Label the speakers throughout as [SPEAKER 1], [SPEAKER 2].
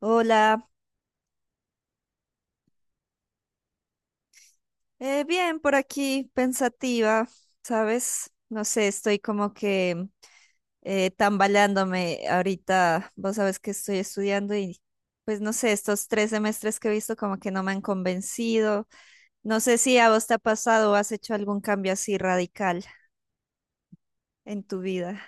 [SPEAKER 1] Hola, bien por aquí, pensativa, ¿sabes? No sé, estoy como que tambaleándome ahorita, vos sabes que estoy estudiando y pues no sé, estos tres semestres que he visto como que no me han convencido. No sé si a vos te ha pasado o has hecho algún cambio así radical en tu vida.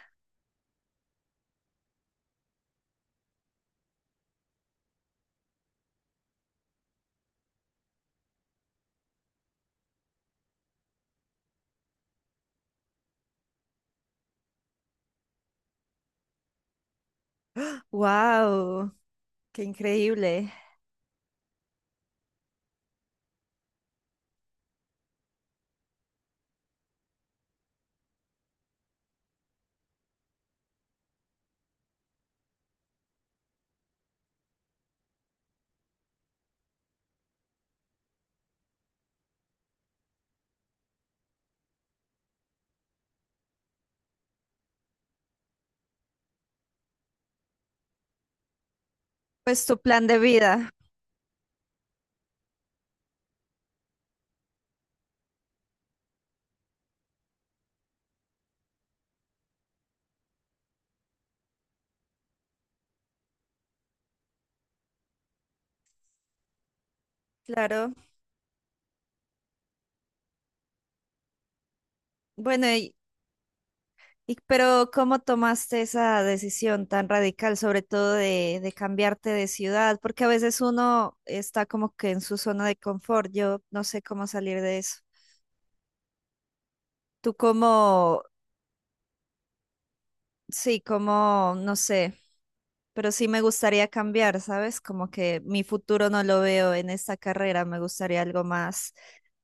[SPEAKER 1] ¡Wow! ¡Qué increíble! Pues tu plan de vida, claro. Bueno, pero ¿cómo tomaste esa decisión tan radical, sobre todo de cambiarte de ciudad? Porque a veces uno está como que en su zona de confort. Yo no sé cómo salir de eso. Tú como, sí, como, no sé, pero sí me gustaría cambiar, ¿sabes? Como que mi futuro no lo veo en esta carrera. Me gustaría algo más,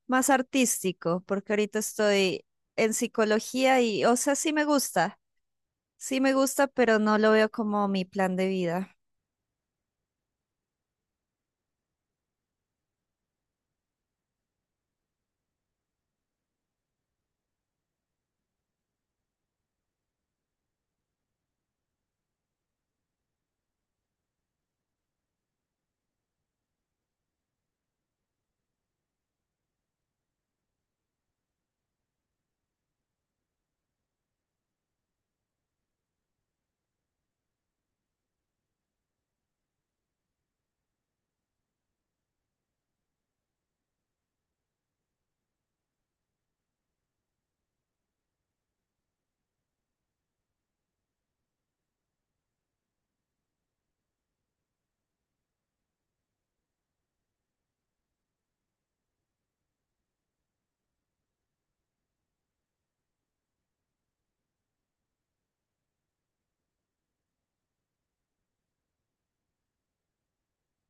[SPEAKER 1] más artístico, porque ahorita estoy en psicología y, o sea, sí me gusta, pero no lo veo como mi plan de vida.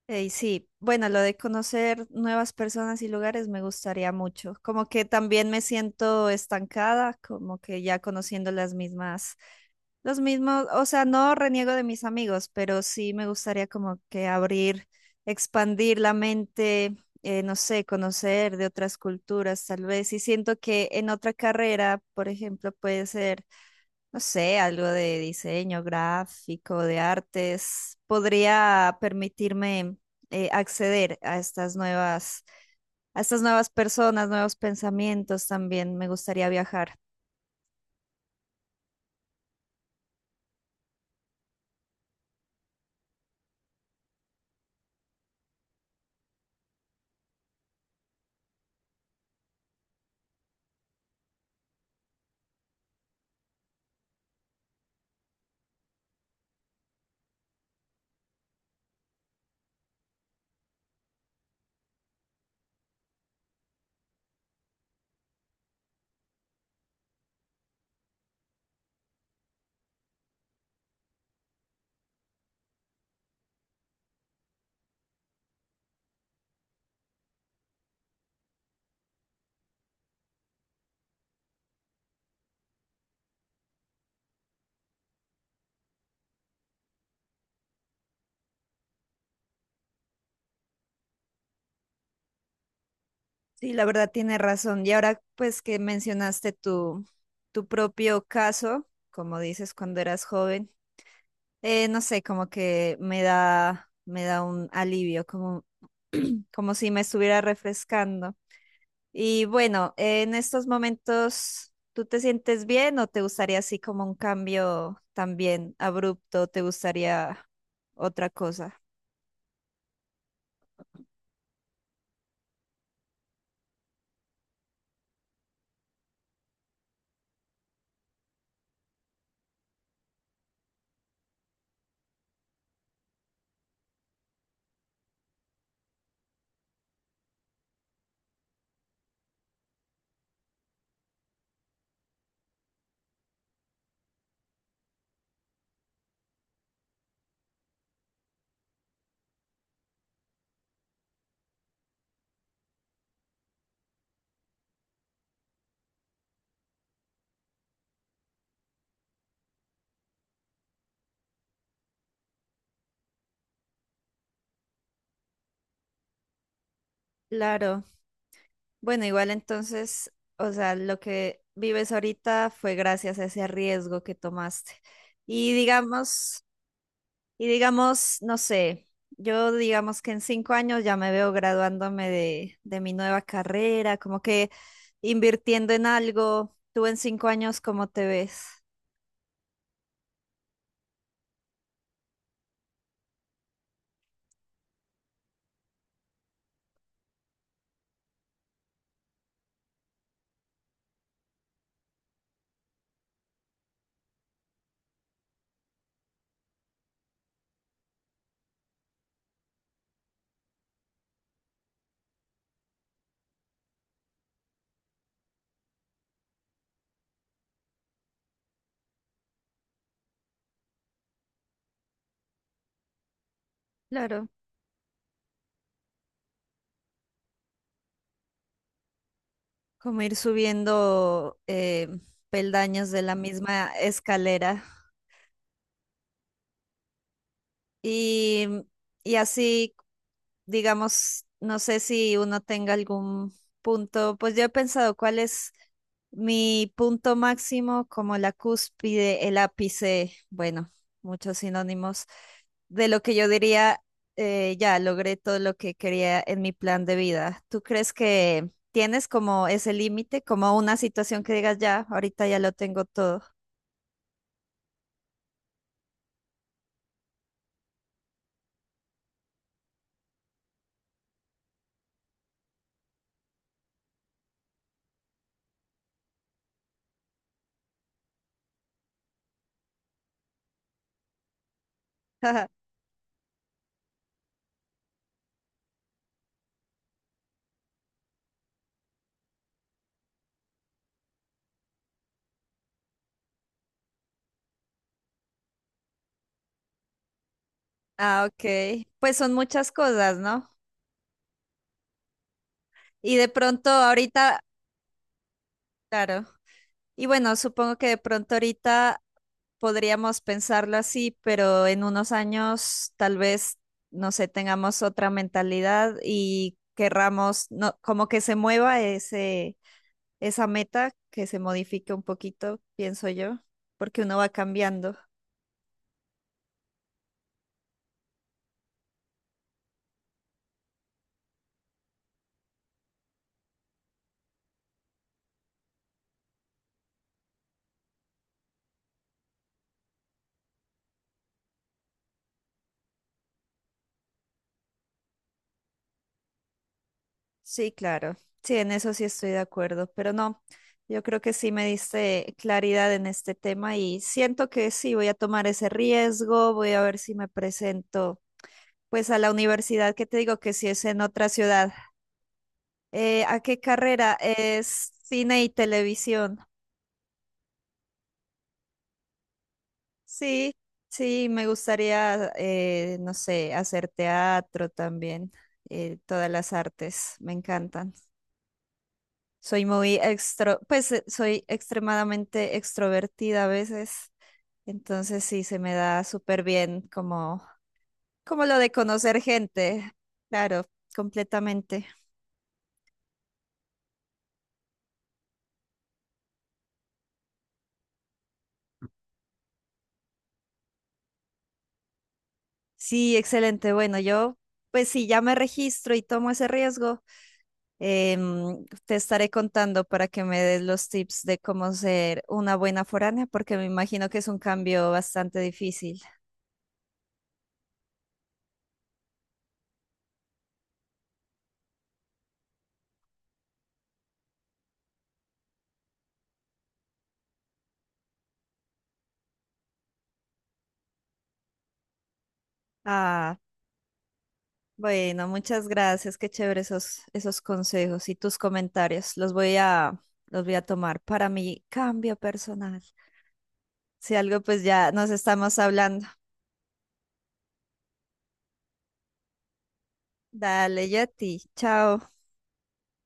[SPEAKER 1] Ey, sí, bueno, lo de conocer nuevas personas y lugares me gustaría mucho. Como que también me siento estancada, como que ya conociendo las mismas, los mismos, o sea, no reniego de mis amigos, pero sí me gustaría como que abrir, expandir la mente, no sé, conocer de otras culturas tal vez. Y siento que en otra carrera, por ejemplo, puede ser no sé, algo de diseño gráfico, de artes, podría permitirme acceder a estas nuevas personas, nuevos pensamientos también. Me gustaría viajar. Sí, la verdad tiene razón. Y ahora pues que mencionaste tu, tu propio caso, como dices, cuando eras joven, no sé, como que me da un alivio, como, como si me estuviera refrescando. Y bueno, en estos momentos, ¿tú te sientes bien o te gustaría así como un cambio también abrupto? ¿Te gustaría otra cosa? Claro. Bueno, igual entonces, o sea, lo que vives ahorita fue gracias a ese riesgo que tomaste. Y digamos, y digamos, no sé, yo digamos que en 5 años ya me veo graduándome de mi nueva carrera, como que invirtiendo en algo. ¿Tú en 5 años cómo te ves? Claro, como ir subiendo peldaños de la misma escalera y, y así digamos, no sé si uno tenga algún punto, pues yo he pensado cuál es mi punto máximo, como la cúspide, el ápice, bueno, muchos sinónimos, de lo que yo diría, ya logré todo lo que quería en mi plan de vida. ¿Tú crees que tienes como ese límite, como una situación que digas, ya, ahorita ya lo tengo todo? Ah, ok. Pues son muchas cosas, ¿no? Y de pronto ahorita, claro. Y bueno, supongo que de pronto ahorita podríamos pensarlo así, pero en unos años tal vez, no sé, tengamos otra mentalidad y querramos, no, como que se mueva ese, esa meta, que se modifique un poquito, pienso yo, porque uno va cambiando. Sí, claro. Sí, en eso sí estoy de acuerdo, pero no, yo creo que sí me diste claridad en este tema y siento que sí, voy a tomar ese riesgo, voy a ver si me presento pues a la universidad que te digo que si es en otra ciudad. ¿A qué carrera? Es cine y televisión. Sí, sí, me gustaría, no sé, hacer teatro también. Todas las artes me encantan. Soy muy extro, pues soy extremadamente extrovertida a veces. Entonces sí, se me da súper bien como, como lo de conocer gente. Claro, completamente. Sí, excelente. Bueno, yo, pues si ya me registro y tomo ese riesgo, te estaré contando para que me des los tips de cómo ser una buena foránea, porque me imagino que es un cambio bastante difícil. Ah, bueno, muchas gracias. Qué chévere esos, esos consejos y tus comentarios. Los voy a tomar para mi cambio personal. Si algo, pues ya nos estamos hablando. Dale, Yeti. Chao.